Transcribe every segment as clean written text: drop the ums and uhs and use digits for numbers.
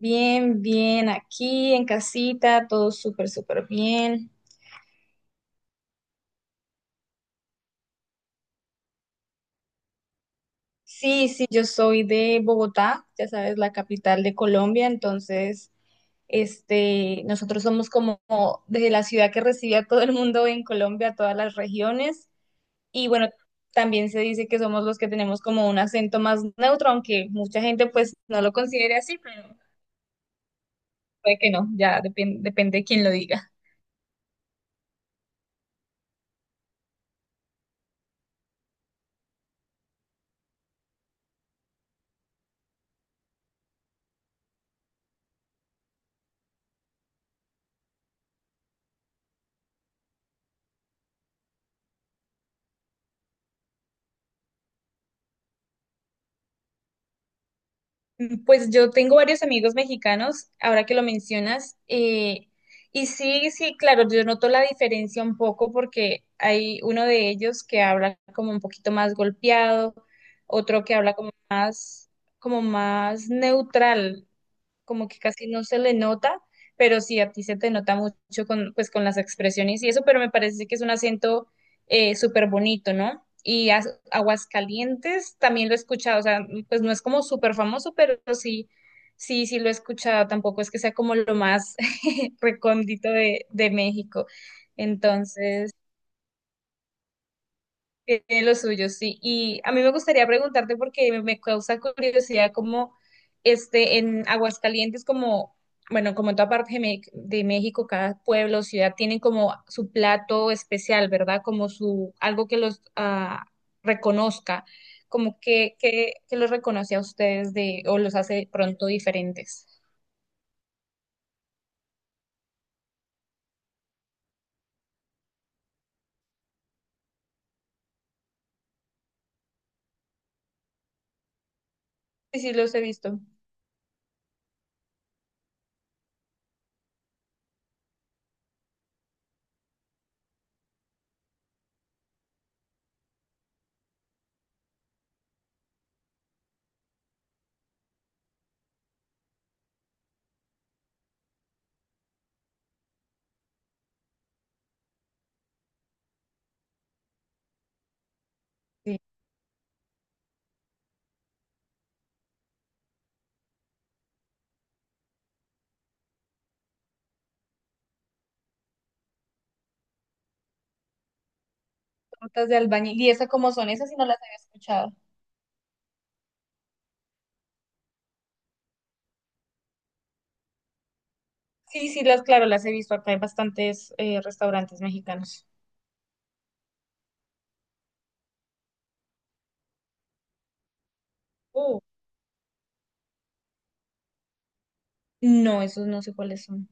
Bien, bien, aquí en casita, todo súper, súper bien. Sí, sí, yo soy de Bogotá, ya sabes, la capital de Colombia, entonces, nosotros somos como desde la ciudad que recibe a todo el mundo en Colombia, todas las regiones, y bueno, también se dice que somos los que tenemos como un acento más neutro, aunque mucha gente pues no lo considere así, pero puede que no, ya depende de quién lo diga. Mm, pues yo tengo varios amigos mexicanos, ahora que lo mencionas, y sí, sí, claro, yo noto la diferencia un poco porque hay uno de ellos que habla como un poquito más golpeado, otro que habla como más neutral, como que casi no se le nota, pero sí a ti se te nota mucho con, pues, con las expresiones y eso, pero me parece que es un acento súper bonito, ¿no? Y Aguascalientes también lo he escuchado, o sea, pues no es como súper famoso, pero sí, sí, sí lo he escuchado, tampoco es que sea como lo más recóndito de México. Entonces, tiene lo suyo, sí. Y a mí me gustaría preguntarte porque me causa curiosidad cómo en Aguascalientes, como, bueno, como en toda parte de de México, cada pueblo o ciudad tienen como su plato especial, ¿verdad? Como su, algo que los reconozca, como que los reconoce a ustedes de, o los hace pronto diferentes. Sí, sí, los he visto. Sí. Tortas de albañil. ¿Y esas cómo son? Esas sí no las había escuchado. Sí, sí, las, claro, las he visto acá en bastantes restaurantes mexicanos. Uh, no, esos no sé cuáles son.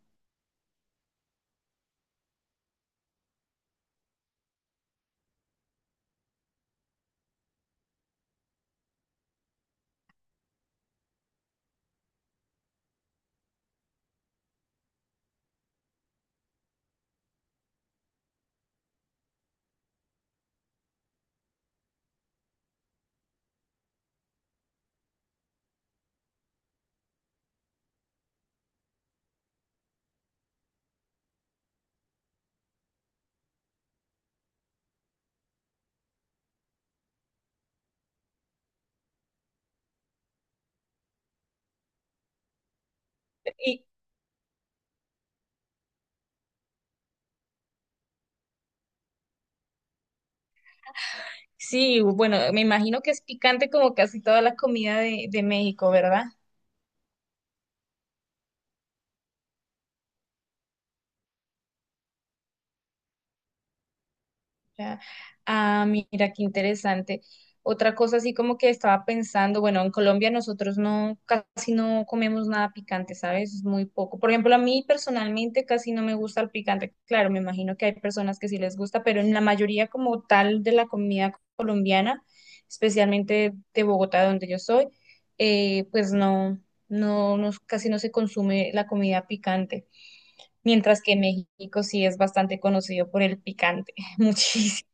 Y sí, bueno, me imagino que es picante como casi toda la comida de México, ¿verdad? Ya. Ah, mira, qué interesante. Otra cosa así como que estaba pensando, bueno, en Colombia nosotros no, casi no comemos nada picante, ¿sabes? Es muy poco. Por ejemplo, a mí personalmente casi no me gusta el picante. Claro, me imagino que hay personas que sí les gusta, pero en la mayoría como tal de la comida colombiana, especialmente de Bogotá, donde yo soy, pues no, no, no, casi no se consume la comida picante. Mientras que México sí es bastante conocido por el picante, muchísimo.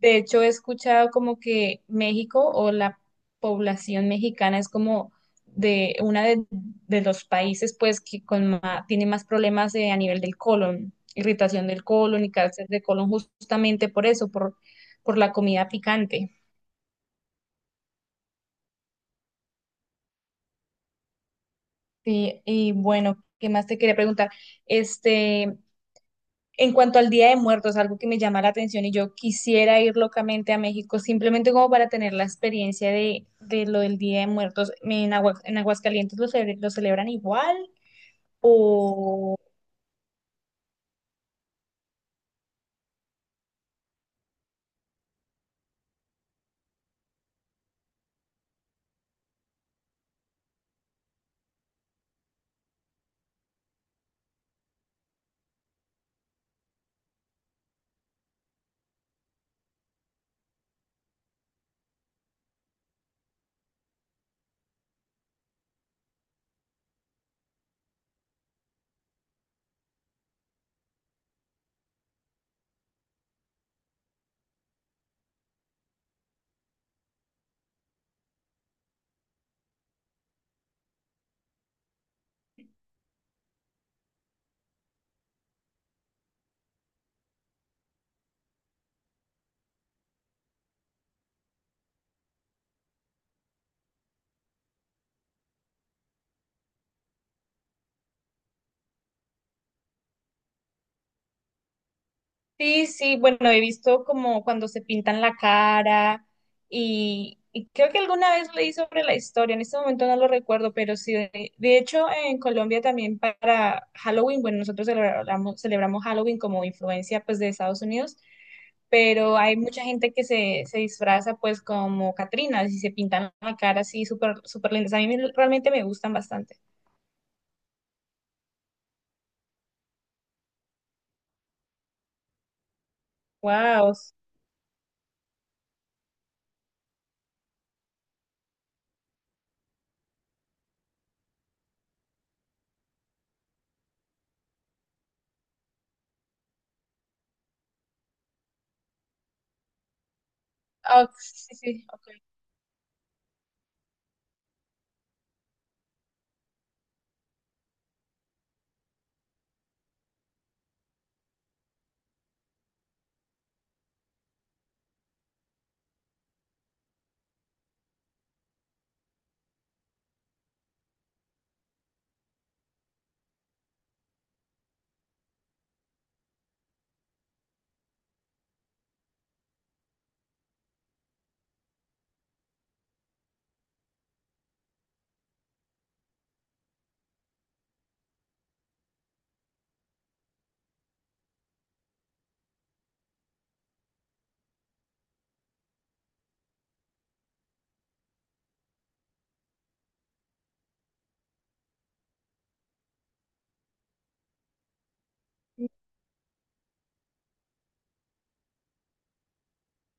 De hecho, he escuchado como que México o la población mexicana es como de una de los países pues que con tiene más problemas a nivel del colon, irritación del colon y cáncer de colon justamente por eso, por la comida picante. Sí, y bueno, ¿qué más te quería preguntar? Este, en cuanto al Día de Muertos, algo que me llama la atención y yo quisiera ir locamente a México, simplemente como para tener la experiencia de lo del Día de Muertos. ¿En en Aguascalientes lo, lo celebran igual? Sí, sí, bueno, he visto como cuando se pintan la cara y creo que alguna vez leí sobre la historia, en este momento no lo recuerdo, pero sí, de hecho en Colombia también para Halloween, bueno, nosotros celebramos, celebramos Halloween como influencia pues de Estados Unidos, pero hay mucha gente que se disfraza pues como Catrinas y se pintan la cara así súper, súper lindas. A mí realmente me gustan bastante. Wow. Sí, sí, ok.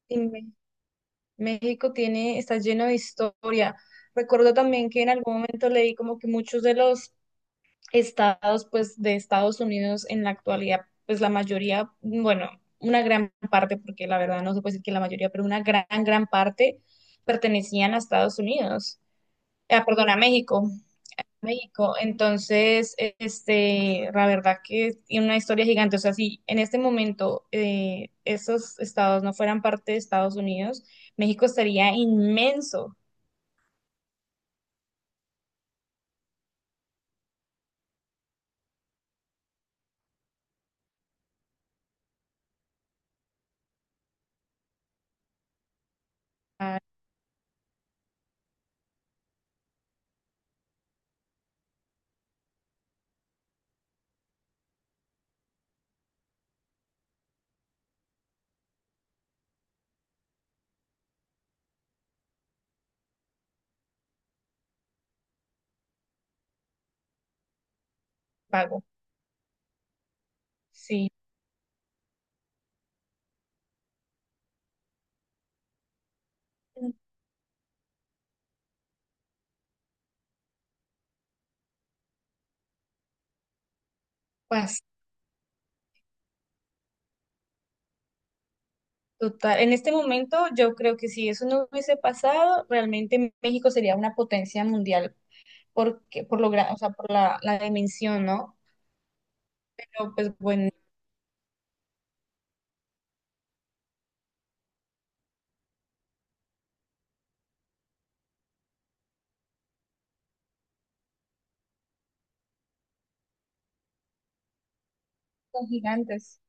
Dime. México tiene, está lleno de historia. Recuerdo también que en algún momento leí como que muchos de los estados, pues, de Estados Unidos en la actualidad, pues la mayoría, bueno, una gran parte, porque la verdad no se puede decir que la mayoría, pero una gran, gran parte pertenecían a Estados Unidos. Ah, perdón, a México. México. Entonces, este, la verdad que tiene una historia gigante. O sea, si en este momento esos estados no fueran parte de Estados Unidos, México estaría inmenso a pago. Sí, pues total. En este momento, yo creo que si eso no hubiese pasado, realmente México sería una potencia mundial porque, por lo, o sea, por la, la dimensión, ¿no? Pero pues bueno, son gigantes.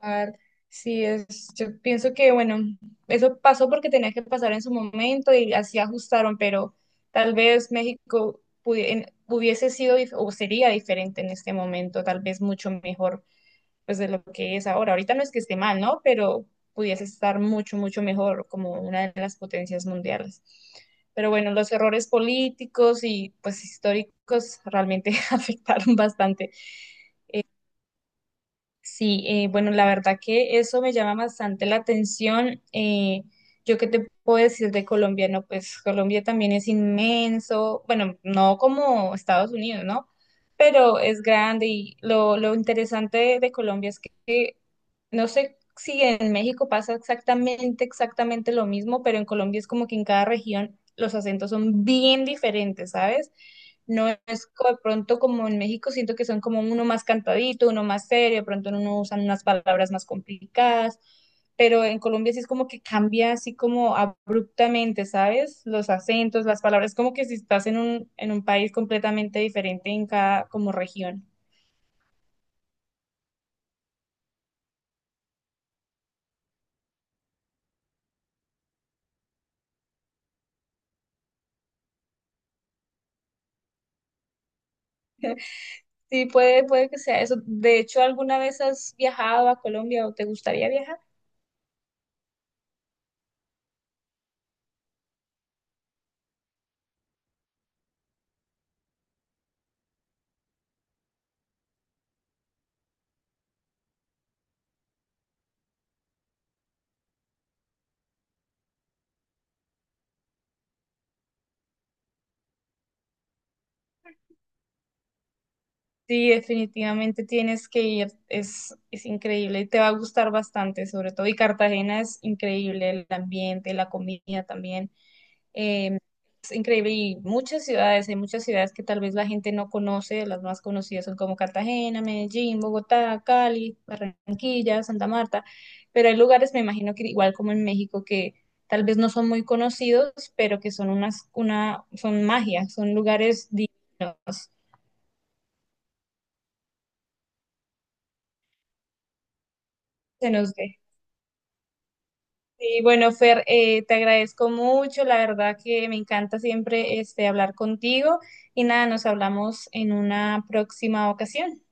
Ah, sí, es, yo pienso que, bueno, eso pasó porque tenía que pasar en su momento y así ajustaron, pero tal vez México hubiese sido o sería diferente en este momento, tal vez mucho mejor pues de lo que es ahora. Ahorita no es que esté mal, ¿no? Pero pudiese estar mucho, mucho mejor como una de las potencias mundiales. Pero bueno, los errores políticos y pues históricos realmente afectaron bastante. Sí, bueno, la verdad que eso me llama bastante la atención. Yo qué te puedo decir de Colombia, no, pues Colombia también es inmenso, bueno, no como Estados Unidos, ¿no? Pero es grande y lo interesante de Colombia es que no sé si en México pasa exactamente, exactamente lo mismo, pero en Colombia es como que en cada región los acentos son bien diferentes, ¿sabes? No es de pronto como en México, siento que son como uno más cantadito, uno más serio, de pronto no usan unas palabras más complicadas, pero en Colombia sí es como que cambia así como abruptamente, ¿sabes? Los acentos, las palabras, como que si estás en un país completamente diferente en cada como región. Sí, puede, puede que sea eso. De hecho, ¿alguna vez has viajado a Colombia o te gustaría viajar? Sí, definitivamente tienes que ir, es increíble y te va a gustar bastante, sobre todo. Y Cartagena es increíble, el ambiente, la comida también. eh, es increíble y muchas ciudades, hay muchas ciudades que tal vez la gente no conoce, las más conocidas son como Cartagena, Medellín, Bogotá, Cali, Barranquilla, Santa Marta, pero hay lugares, me imagino que igual como en México, que tal vez no son muy conocidos, pero que son unas, una, son magia, son lugares divinos, se nos ve. Sí, bueno, Fer, te agradezco mucho, la verdad que me encanta siempre este, hablar contigo y nada, nos hablamos en una próxima ocasión.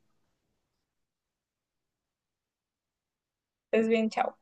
Estés bien, chao.